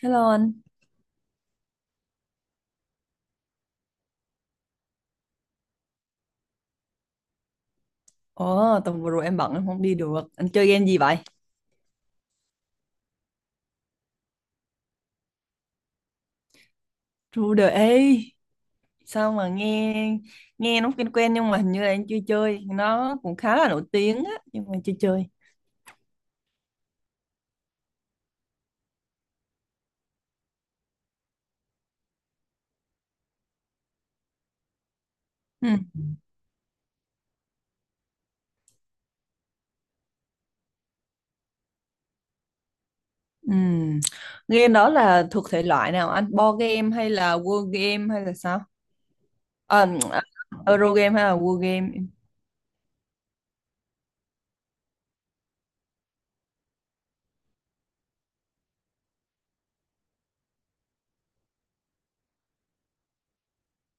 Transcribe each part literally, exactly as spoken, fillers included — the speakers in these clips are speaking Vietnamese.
Hello anh. Ồ, tuần vừa rồi em bận em không đi được. Anh chơi game gì vậy? True the A. Sao mà nghe nghe nó quen quen nhưng mà hình như là anh chưa chơi. Nó cũng khá là nổi tiếng á nhưng mà chưa chơi. Ừ. Ừ. Game đó là thuộc thể loại nào anh? Board game hay là word game hay là sao? À, Euro game hay là word game?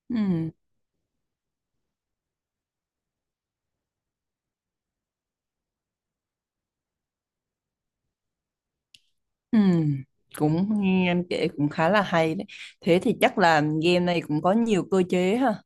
Ừ. Ừ. Cũng nghe anh kể cũng khá là hay đấy. Thế thì chắc là game này cũng có nhiều cơ chế ha.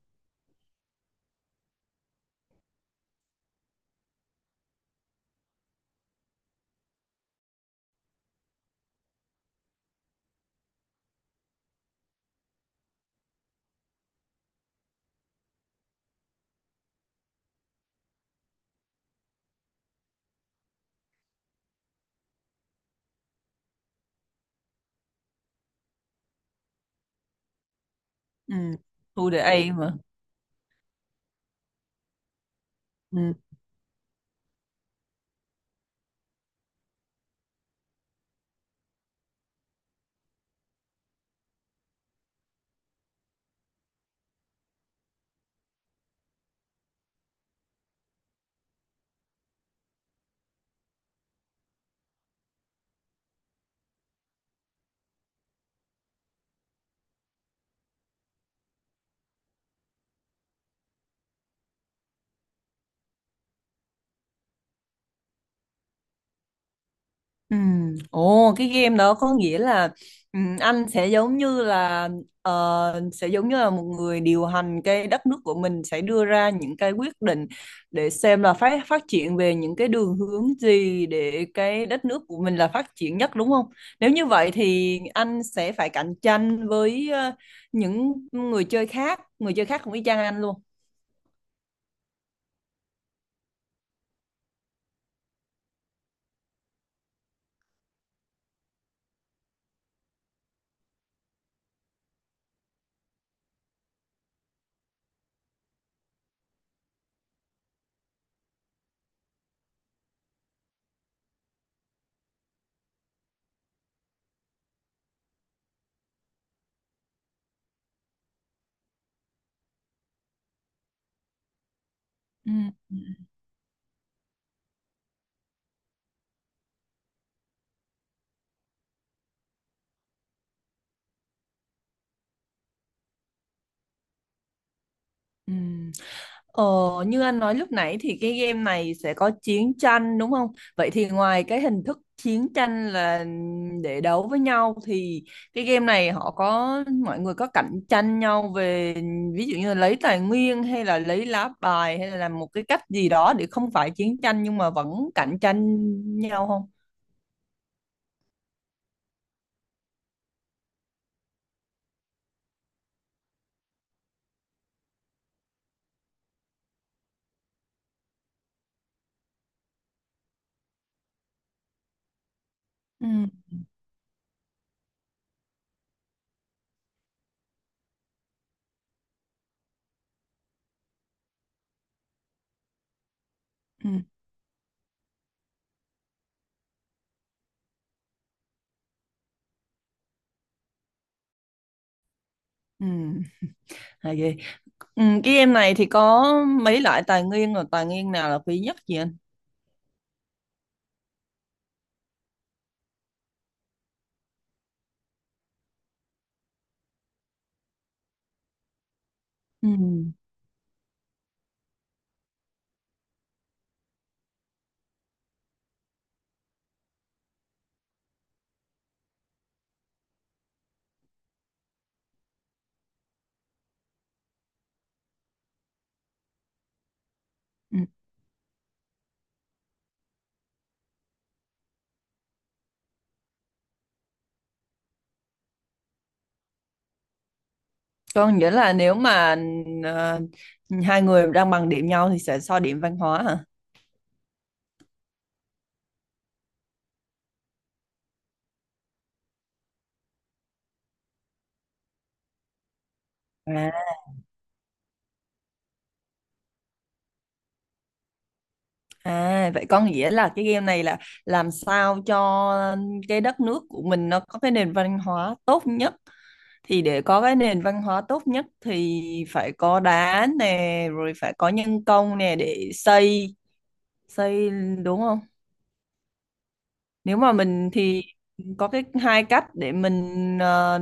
Ừ. True the A mà. Ừ. Ừ. Ồ, cái game đó có nghĩa là ừ, anh sẽ giống như là ờ, sẽ giống như là một người điều hành cái đất nước của mình, sẽ đưa ra những cái quyết định để xem là phát phát triển về những cái đường hướng gì để cái đất nước của mình là phát triển nhất, đúng không? Nếu như vậy thì anh sẽ phải cạnh tranh với ờ, những người chơi khác, người chơi khác cũng y chang anh luôn. Ừ. Ừ. Ừ. Ờ, Như anh nói lúc nãy thì cái game này sẽ có chiến tranh, đúng không? Vậy thì ngoài cái hình thức chiến tranh là để đấu với nhau thì cái game này họ có mọi người có cạnh tranh nhau về ví dụ như là lấy tài nguyên, hay là lấy lá bài, hay là làm một cái cách gì đó để không phải chiến tranh nhưng mà vẫn cạnh tranh nhau không? Ừ, ừ, ừ, hay ghê. Ừ, cái game này thì có mấy loại tài nguyên, rồi tài nguyên nào là quý nhất vậy anh? Ừ. Ừ. Có nghĩa là nếu mà ờ, hai người đang bằng điểm nhau thì sẽ so điểm văn hóa hả? À, à, vậy có nghĩa là cái game này là làm sao cho cái đất nước của mình nó có cái nền văn hóa tốt nhất. Thì để có cái nền văn hóa tốt nhất thì phải có đá nè, rồi phải có nhân công nè để xây, xây đúng không? Nếu mà mình thì có cái hai cách để mình ờ,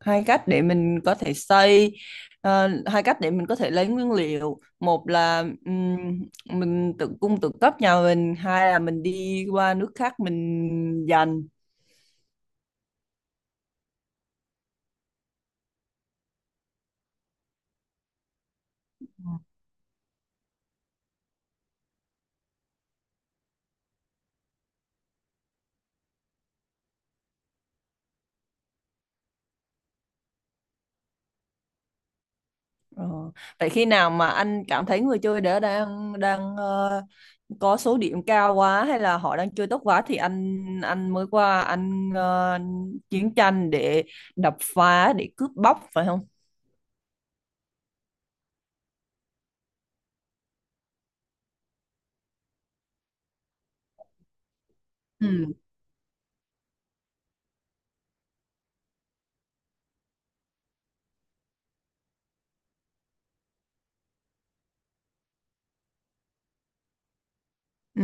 hai cách để mình có thể xây ờ, hai cách để mình có thể lấy nguyên liệu. Một là ừm, mình tự cung tự cấp nhà mình, hai là mình đi qua nước khác mình dành. Ờ, Vậy khi nào mà anh cảm thấy người chơi đó đang đang ờ, có số điểm cao quá, hay là họ đang chơi tốt quá thì anh anh mới qua anh ờ, chiến tranh để đập phá, để cướp bóc phải không? Ừ. Ừ,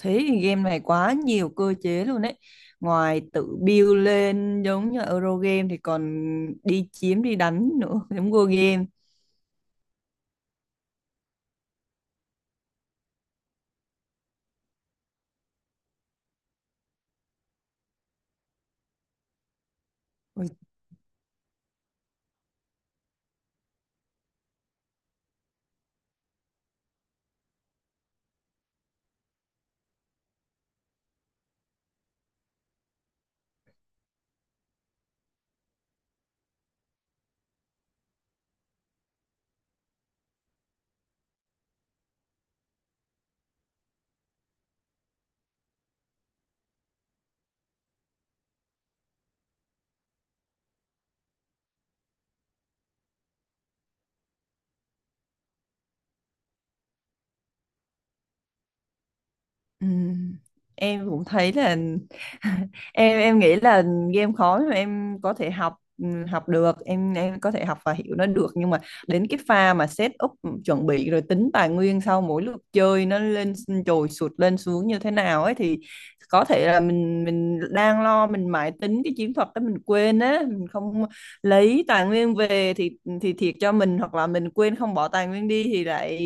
thế thì game này quá nhiều cơ chế luôn đấy. Ngoài tự build lên giống như euro game thì còn đi chiếm đi đánh nữa, giống Go game. Ôi. Ừ. Em cũng thấy là em em nghĩ là game khó nhưng mà em có thể học ừ, học được, em em có thể học và hiểu nó được nhưng mà đến cái pha mà set up chuẩn bị rồi tính tài nguyên sau mỗi lượt chơi, nó lên trồi sụt lên xuống như thế nào ấy, thì có thể là mình mình đang lo mình mãi tính cái chiến thuật đó, mình quên á, mình không lấy tài nguyên về thì thì thiệt cho mình, hoặc là mình quên không bỏ tài nguyên đi thì lại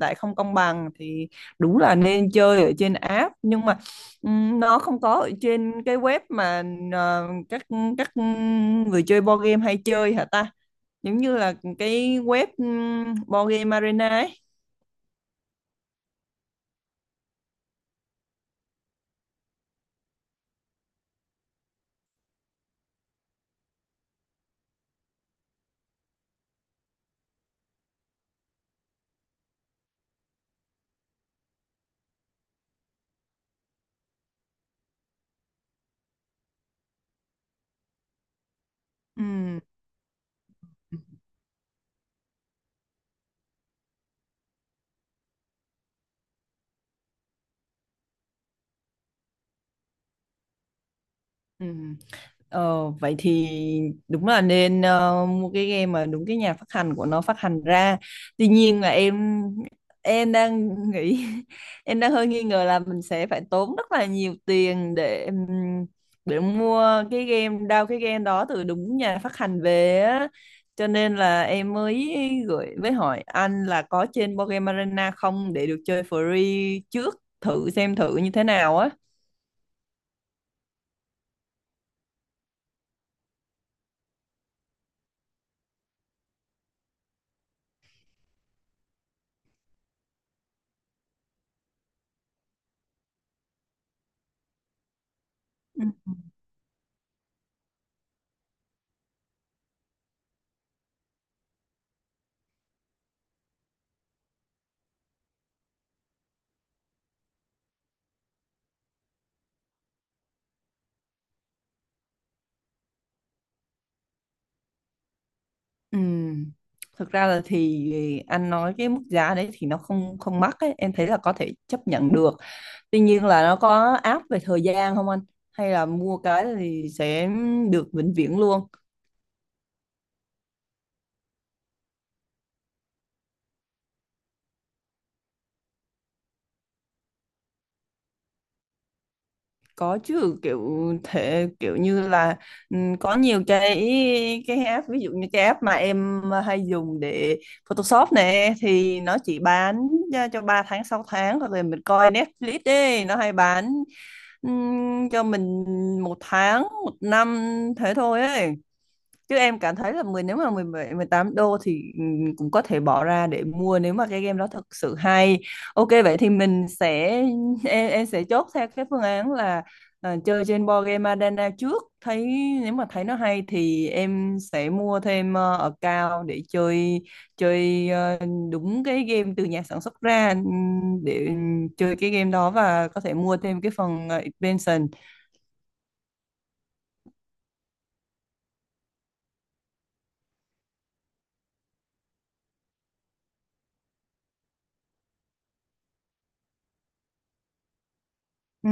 lại không công bằng, thì đúng là nên chơi ở trên app, nhưng mà ừm, nó không có ở trên cái web mà ờ, các các người chơi board game hay chơi hả ta, giống như là cái web um, board game arena ấy. Ừ. Ừ. Ờ, vậy thì đúng là nên ờ, mua cái game mà đúng cái nhà phát hành của nó phát hành ra. Tuy nhiên là em em đang nghĩ em đang hơi nghi ngờ là mình sẽ phải tốn rất là nhiều tiền để ừm, để mua cái game đao cái game đó từ đúng nhà phát hành về á. Cho nên là em mới gửi với hỏi anh là có trên Board Game Arena không, để được chơi free trước, thử xem thử như thế nào á. Ừm, Thực ra là thì anh nói cái mức giá đấy thì nó không không mắc ấy, em thấy là có thể chấp nhận được. Tuy nhiên là nó có áp về thời gian không anh? Hay là mua cái thì sẽ được vĩnh viễn luôn? Có chứ, kiểu thể kiểu như là ừ, có nhiều cái cái app, ví dụ như cái app mà em hay dùng để Photoshop nè thì nó chỉ bán ra cho ba tháng sáu tháng, hoặc là mình coi Netflix ấy nó hay bán ừm, cho mình một tháng một năm, thế thôi ấy, chứ em cảm thấy là mười nếu mà mười bảy mười tám đô thì ừm, cũng có thể bỏ ra để mua nếu mà cái game đó thật sự hay. Ok vậy thì mình sẽ em, em sẽ chốt theo cái phương án là ờ, chơi trên board game Arena trước, thấy nếu mà thấy nó hay thì em sẽ mua thêm ờ, account để chơi chơi ờ, đúng cái game từ nhà sản xuất ra, ừm, để ừm, chơi cái game đó và có thể mua thêm cái phần ờ, expansion. Ừ.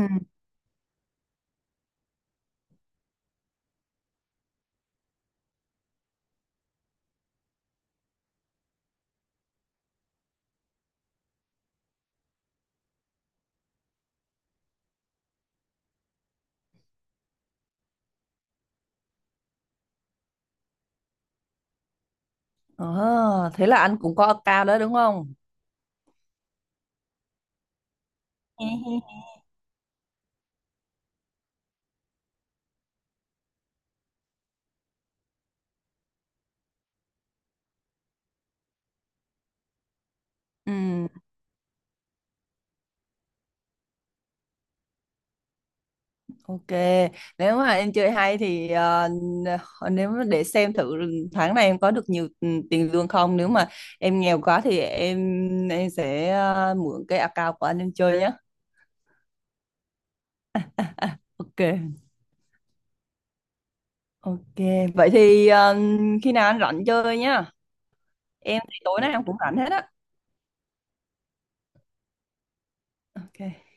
Ờ, Thế là anh cũng có account đó đúng không? Ừ, ok. Nếu mà em chơi hay thì ờ, nếu mà để xem thử tháng này em có được nhiều ừ, tiền lương không. Nếu mà em nghèo quá thì em em sẽ ờ, mượn cái account của anh em chơi nhé. Ok. Ok. Vậy thì ờ, khi nào anh rảnh chơi nhá. Em thì tối nay em cũng rảnh hết á. Ok.